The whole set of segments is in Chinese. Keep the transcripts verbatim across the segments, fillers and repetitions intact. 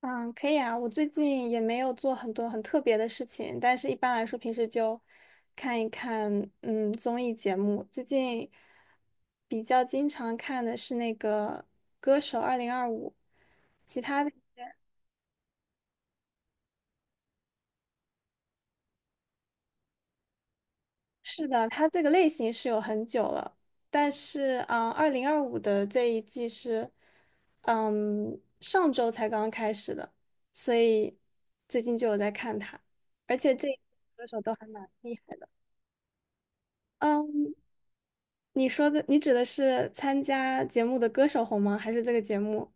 嗯，可以啊。我最近也没有做很多很特别的事情，但是一般来说，平时就看一看嗯综艺节目。最近比较经常看的是那个《歌手二零二五》，其他的。是的，它这个类型是有很久了，但是啊二零二五的这一季是嗯上周才刚刚开始的，所以最近就有在看它，而且这一季歌手都还蛮厉害的。嗯。你说的，你指的是参加节目的歌手红吗？还是这个节目？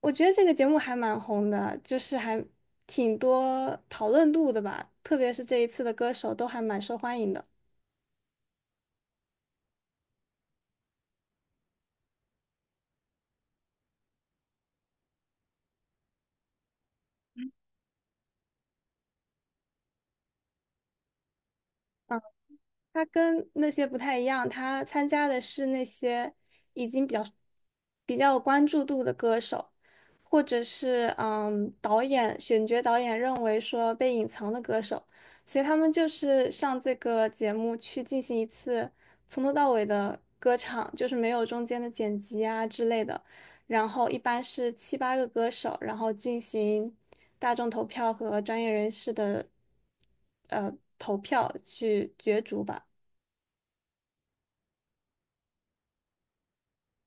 我觉得这个节目还蛮红的，就是还挺多讨论度的吧，特别是这一次的歌手都还蛮受欢迎的。他跟那些不太一样，他参加的是那些已经比较比较有关注度的歌手，或者是嗯导演选角导演认为说被隐藏的歌手，所以他们就是上这个节目去进行一次从头到尾的歌唱，就是没有中间的剪辑啊之类的。然后一般是七八个歌手，然后进行大众投票和专业人士的呃投票去角逐吧。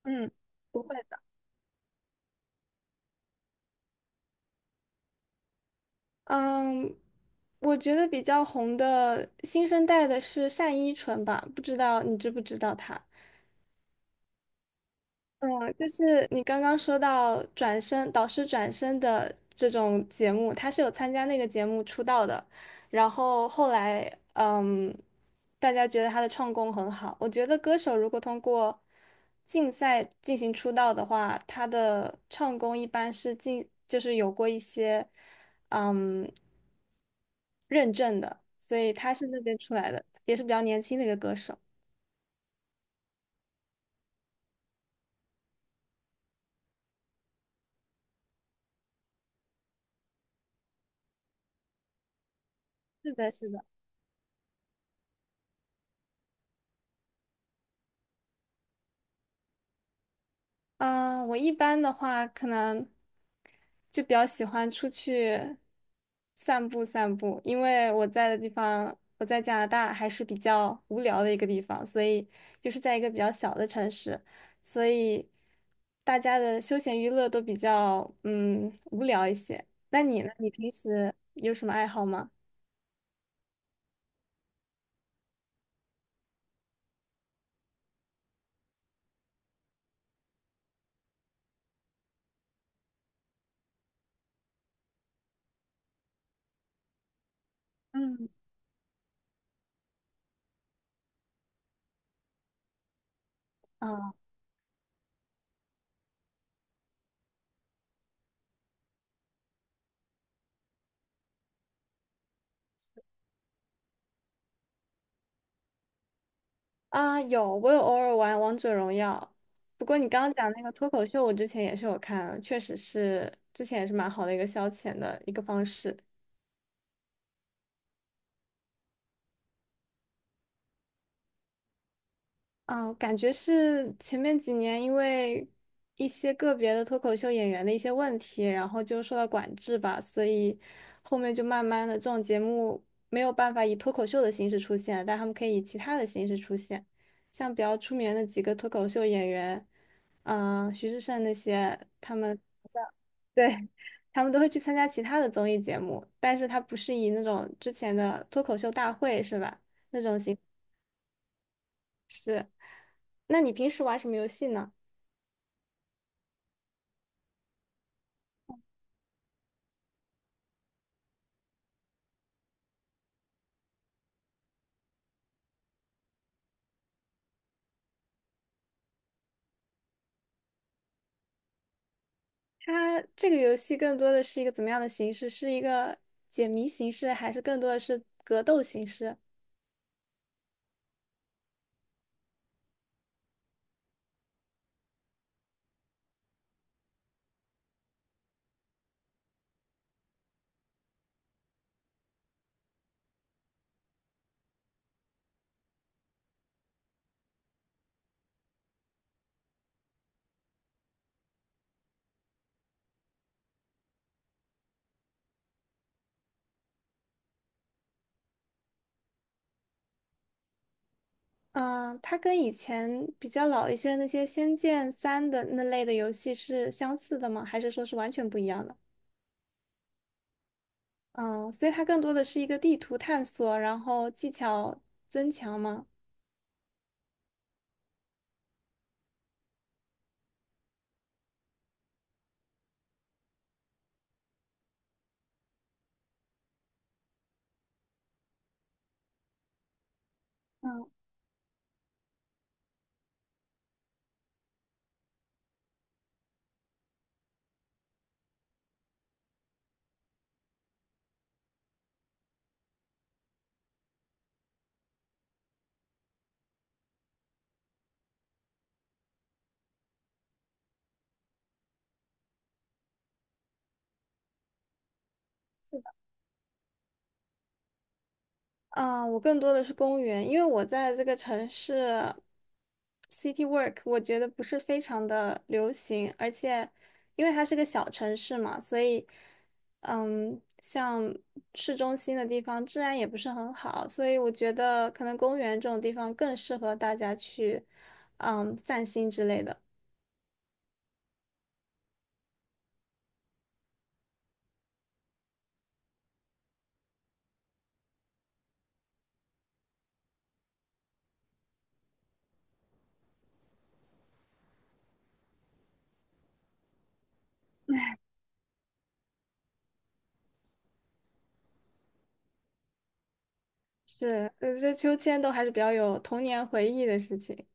嗯，不会的。嗯，我觉得比较红的新生代的是单依纯吧，不知道你知不知道她？嗯，就是你刚刚说到转身导师转身的这种节目，她是有参加那个节目出道的，然后后来嗯，大家觉得她的唱功很好。我觉得歌手如果通过竞赛进行出道的话，她的唱功一般是进就是有过一些。嗯，认证的，所以他是那边出来的，也是比较年轻的一个歌手。是的，是的。啊、我一般的话，可能就比较喜欢出去散步散步，因为我在的地方，我在加拿大还是比较无聊的一个地方，所以就是在一个比较小的城市，所以大家的休闲娱乐都比较嗯无聊一些。那你呢？你平时有什么爱好吗？嗯，啊。啊，有，我有偶尔玩王者荣耀。不过你刚刚讲那个脱口秀，我之前也是有看，确实是之前也是蛮好的一个消遣的一个方式。啊，感觉是前面几年因为一些个别的脱口秀演员的一些问题，然后就受到管制吧，所以后面就慢慢的这种节目没有办法以脱口秀的形式出现，但他们可以以其他的形式出现，像比较出名的几个脱口秀演员。啊、呃徐志胜那些，他们对，他们都会去参加其他的综艺节目，但是他不是以那种之前的脱口秀大会是吧？那种是。那你平时玩什么游戏呢？它这个游戏更多的是一个怎么样的形式？是一个解谜形式，还是更多的是格斗形式？嗯，它跟以前比较老一些那些《仙剑三》的那类的游戏是相似的吗？还是说是完全不一样的？嗯，所以它更多的是一个地图探索，然后技巧增强吗？嗯。啊，我更多的是公园，因为我在这个城市，city work，我觉得不是非常的流行，而且因为它是个小城市嘛，所以，嗯，像市中心的地方治安也不是很好，所以我觉得可能公园这种地方更适合大家去，嗯，散心之类的。是，呃，这秋千都还是比较有童年回忆的事情。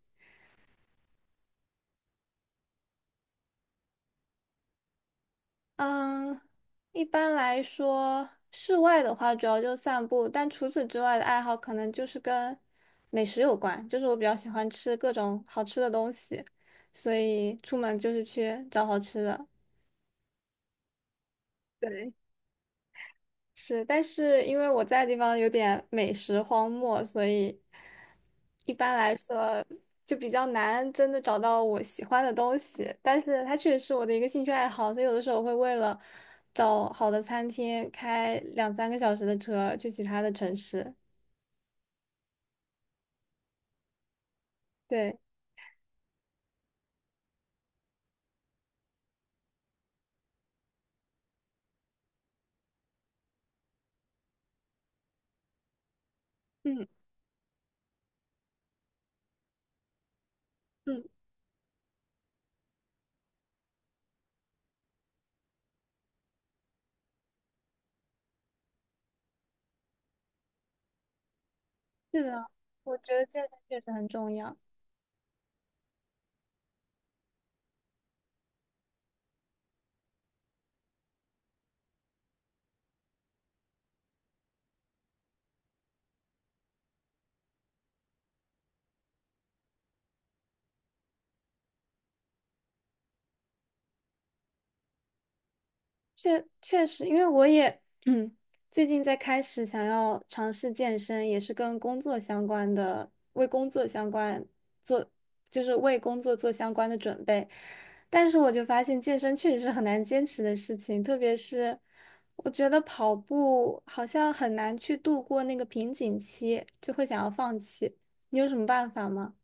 嗯，一般来说，室外的话主要就散步，但除此之外的爱好可能就是跟美食有关，就是我比较喜欢吃各种好吃的东西，所以出门就是去找好吃的。对。是，但是因为我在的地方有点美食荒漠，所以一般来说就比较难真的找到我喜欢的东西。但是它确实是我的一个兴趣爱好，所以有的时候会为了找好的餐厅开两三个小时的车去其他的城市。对，嗯嗯，是的，我觉得健身确实很重要。确确实，因为我也嗯，最近在开始想要尝试健身，也是跟工作相关的，为工作相关做，就是为工作做相关的准备。但是我就发现健身确实是很难坚持的事情，特别是我觉得跑步好像很难去度过那个瓶颈期，就会想要放弃。你有什么办法吗？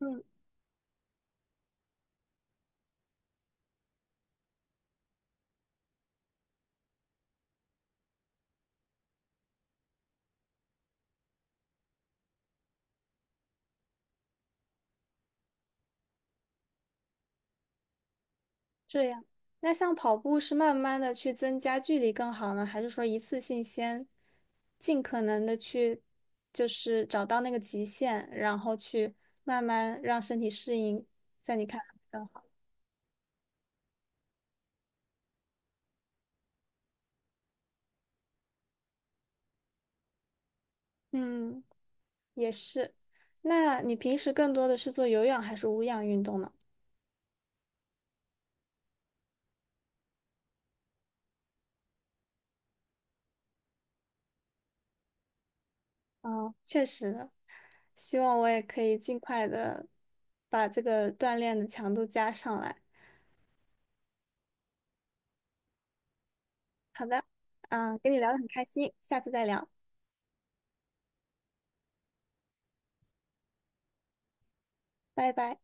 嗯。这样，那像跑步是慢慢的去增加距离更好呢，还是说一次性先尽可能的去，就是找到那个极限，然后去慢慢让身体适应，在你看来更好？嗯，也是。那你平时更多的是做有氧还是无氧运动呢？啊，确实的，希望我也可以尽快的把这个锻炼的强度加上来。好的，啊，跟你聊得很开心，下次再聊，拜拜。